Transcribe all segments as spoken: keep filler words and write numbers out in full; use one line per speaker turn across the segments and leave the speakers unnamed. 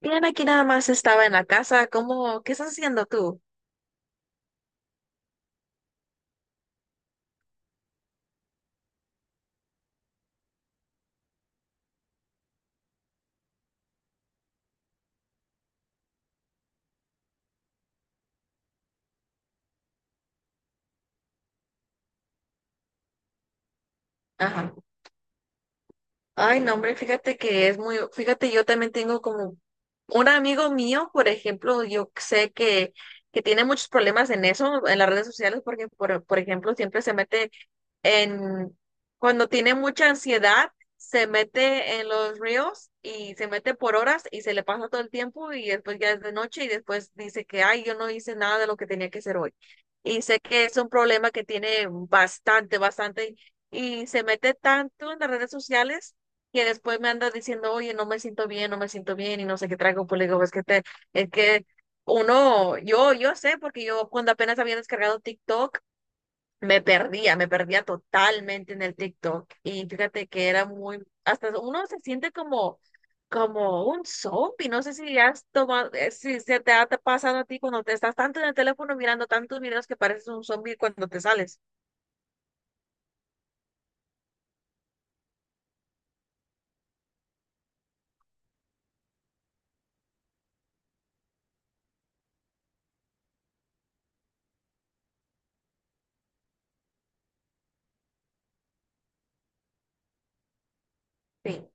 Bien, aquí nada más estaba en la casa. ¿Cómo? ¿Qué estás haciendo tú? Ajá. Ay, no, hombre, fíjate que es muy, fíjate, yo también tengo como un amigo mío, por ejemplo, yo sé que, que tiene muchos problemas en eso, en las redes sociales, porque, por, por ejemplo, siempre se mete en, cuando tiene mucha ansiedad, se mete en los ríos y se mete por horas y se le pasa todo el tiempo y después ya es de noche y después dice que, ay, yo no hice nada de lo que tenía que hacer hoy. Y sé que es un problema que tiene bastante, bastante y se mete tanto en las redes sociales, que después me anda diciendo, oye, no me siento bien, no me siento bien, y no sé qué traigo, pues le digo, es que te, es que uno, yo, yo sé, porque yo cuando apenas había descargado TikTok, me perdía, me perdía totalmente en el TikTok. Y fíjate que era muy, hasta uno se siente como, como un zombie. No sé si has tomado, eh, si se te ha te pasado a ti cuando te estás tanto en el teléfono mirando tantos videos que pareces un zombie cuando te sales. Sí,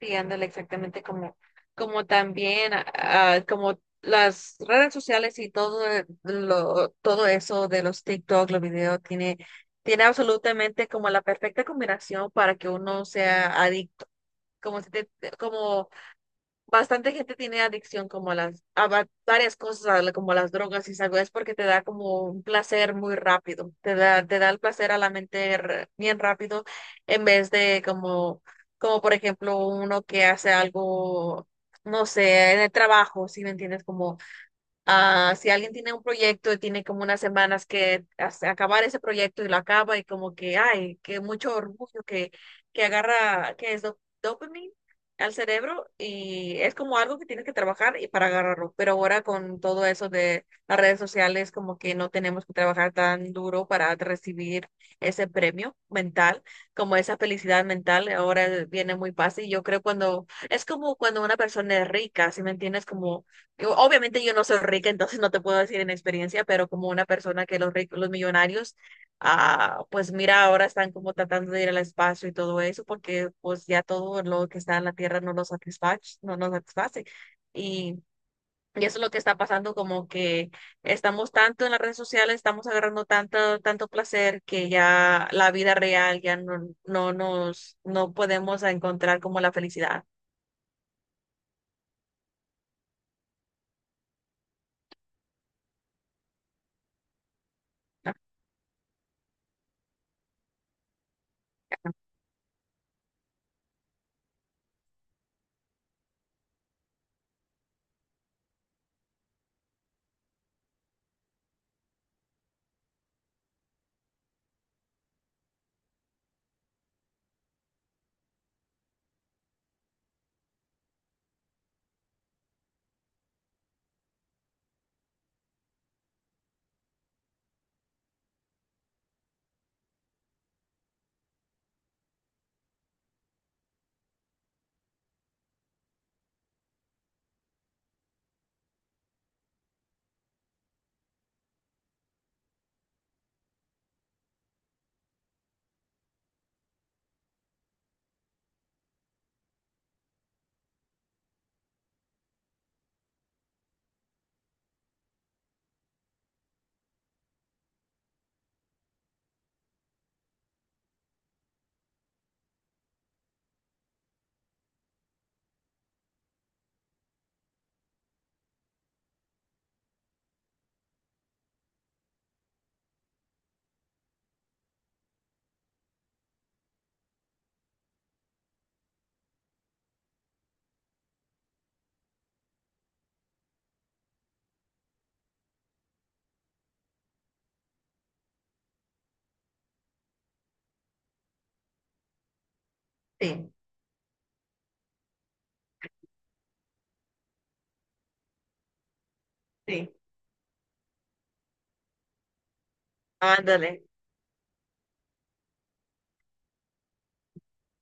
sí, ándale, exactamente como, como también, ah, como las redes sociales y todo eh, lo, todo eso de los TikTok, los videos, tiene tiene absolutamente como la perfecta combinación para que uno sea adicto como, si te- te- como bastante gente tiene adicción como a las, a va- varias cosas, a la- como las drogas y algo, es porque te da como un placer muy rápido, te da, te da el placer a la mente r- bien rápido, en vez de como, como por ejemplo uno que hace algo, no sé, en el trabajo, si me entiendes, como. Ah, si alguien tiene un proyecto y tiene como unas semanas que as- acabar ese proyecto y lo acaba y como que, ay, que mucho orgullo que, que agarra, que es dop- dopamine al cerebro y es como algo que tienes que trabajar y para agarrarlo. Pero ahora con todo eso de las redes sociales, como que no tenemos que trabajar tan duro para recibir ese premio mental, como esa felicidad mental, ahora viene muy fácil. Yo creo cuando, es como cuando una persona es rica, si me entiendes, como yo- obviamente yo no soy rica, entonces no te puedo decir en experiencia, pero como una persona que los ricos, los millonarios, ah, pues mira, ahora están como tratando de ir al espacio y todo eso, porque pues ya todo lo que está en la Tierra no nos satisface, no nos satisface. Y, y eso es lo que está pasando, como que estamos tanto en las redes sociales, estamos agarrando tanto, tanto placer que ya la vida real ya no, no nos, no podemos encontrar como la felicidad. Sí, sí. Ándale.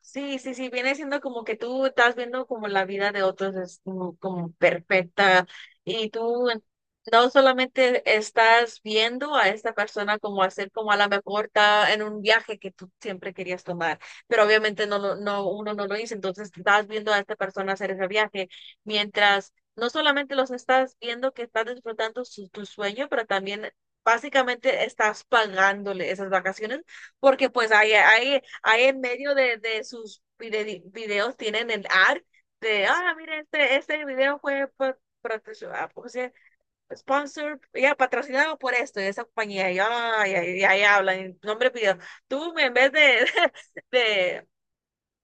Sí, sí, sí, viene siendo como que tú estás viendo como la vida de otros es como, como perfecta y tú no solamente estás viendo a esta persona como hacer como a la mejor está en un viaje que tú siempre querías tomar, pero obviamente no, lo- no, uno no lo hizo, entonces estás viendo a esta persona hacer ese viaje mientras no solamente los estás viendo que estás disfrutando su, tu sueño, pero también básicamente estás pagándole esas vacaciones porque pues ahí, ahí, ahí en medio de, de sus vide- videos tienen el ad de, ah, mire este, este video fue pa- patroci- ah, ¿cómo se dice? Sponsor, ya patrocinado por esto, y esa compañía, y, ay, ay, y ahí hablan, nombre video. Tú en vez de, de,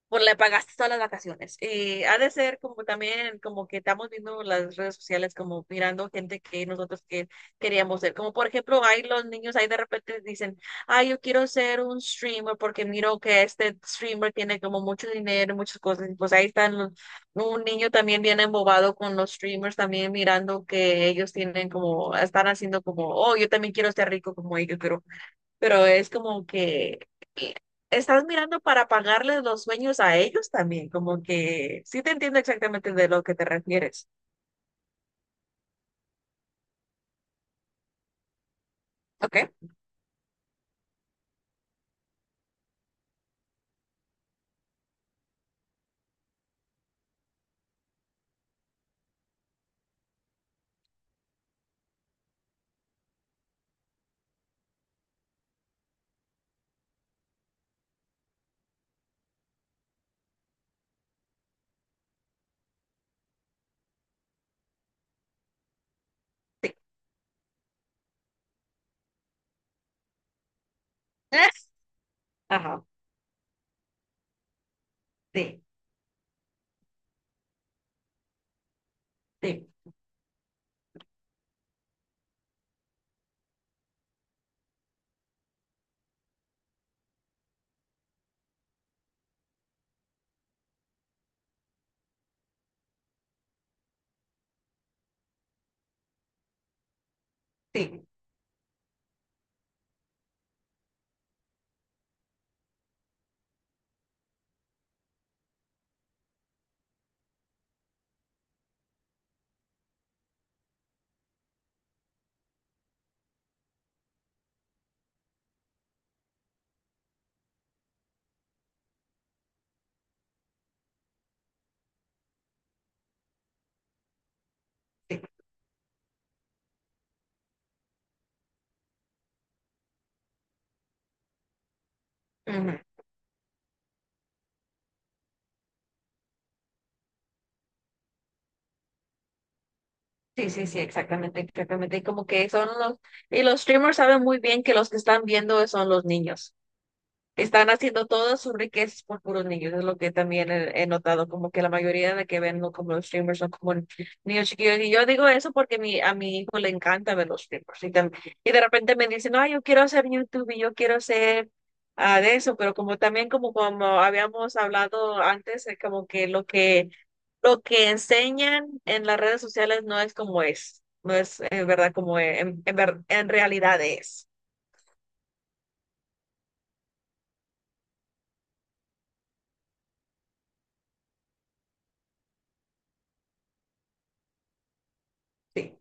por la pagaste todas las vacaciones. Y ha de ser como también, como que estamos viendo las redes sociales, como mirando gente que nosotros que queríamos ser. Como por ejemplo, hay los niños ahí de repente dicen, ay, yo quiero ser un streamer porque miro que este streamer tiene como mucho dinero y muchas cosas. Y pues ahí están los- un niño también bien embobado con los streamers, también mirando que ellos tienen como, están haciendo como, oh, yo también quiero ser rico como ellos, pero pero es como que eh, estás mirando para pagarles los sueños a ellos también, como que sí te entiendo exactamente de lo que te refieres. ¿Ok? Sí. Ajá. Sí, sí, sí, sí. Ujú. Sí, sí, sí, exactamente, exactamente. Y como que son los, y los streamers saben muy bien que los que están viendo son los niños. Están haciendo todo sobre que por puros niños, es lo que también he, he notado, como que la mayoría de la que ven, ¿no? Como los streamers son como niños chiquillos. Y yo digo eso porque mi, a mi hijo le encanta ver los streamers. Y, tam- y de repente me dicen, no, yo quiero hacer YouTube y yo quiero hacer ah, de eso, pero como también como, como habíamos hablado antes, es como que lo que lo que enseñan en las redes sociales no es como es, no es en verdad como en, en, ver- en realidad es. Sí.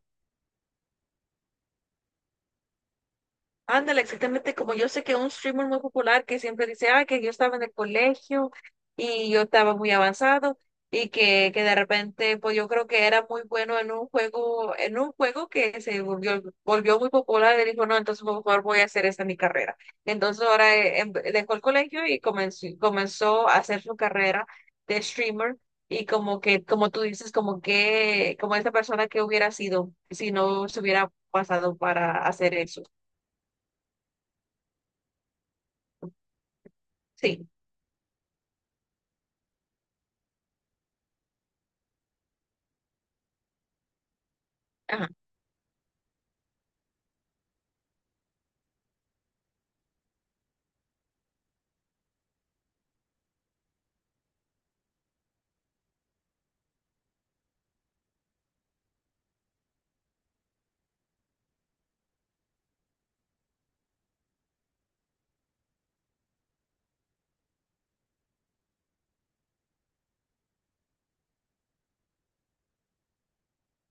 Ándale, exactamente como yo sé que un streamer muy popular que siempre dice, ah, que yo estaba en el colegio y yo estaba muy avanzado y que, que de repente, pues yo creo que era muy bueno en un juego, en un juego que se volvió, volvió muy popular y dijo, no, entonces por favor voy a hacer esta mi carrera. Entonces ahora eh, em- dejó el colegio y comenzó, comenzó a hacer su carrera de streamer y como que, como tú dices, como que, como esta persona que hubiera sido si no se hubiera pasado para hacer eso. Sí. Ajá.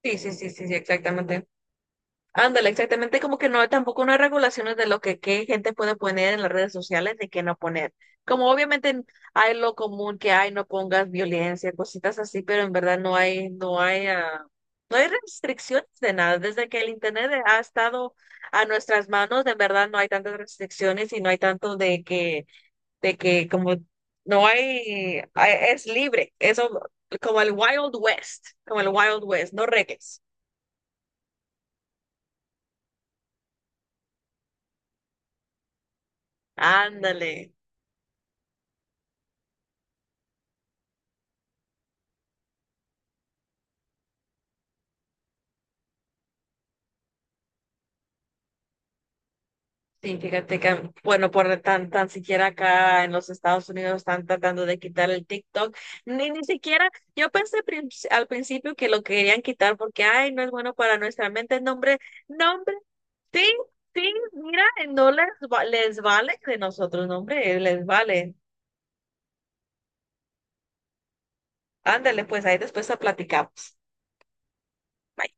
Sí, sí, sí, sí, sí, exactamente. Ándale, exactamente, como que no, tampoco no hay regulaciones de lo que qué gente puede poner en las redes sociales y qué no poner. Como obviamente hay lo común que hay, no pongas violencia, cositas así, pero en verdad no hay, no hay, ah, no hay restricciones de nada. Desde que el internet ha estado a nuestras manos, de verdad no hay tantas restricciones y no hay tanto de que, de que como no hay, hay- es libre, eso como el Wild West, como el Wild West, no reglas. Ándale. Sí, fíjate que, bueno, por tan, tan siquiera acá en los Estados Unidos están tratando de quitar el TikTok. Ni, ni siquiera, yo pensé prin- al principio que lo querían quitar porque, ay, no es bueno para nuestra mente. Nombre, nombre, sí, sí, mira, no les, va- les vale de nosotros, nombre, les vale. Ándale, pues ahí después la platicamos. Bye.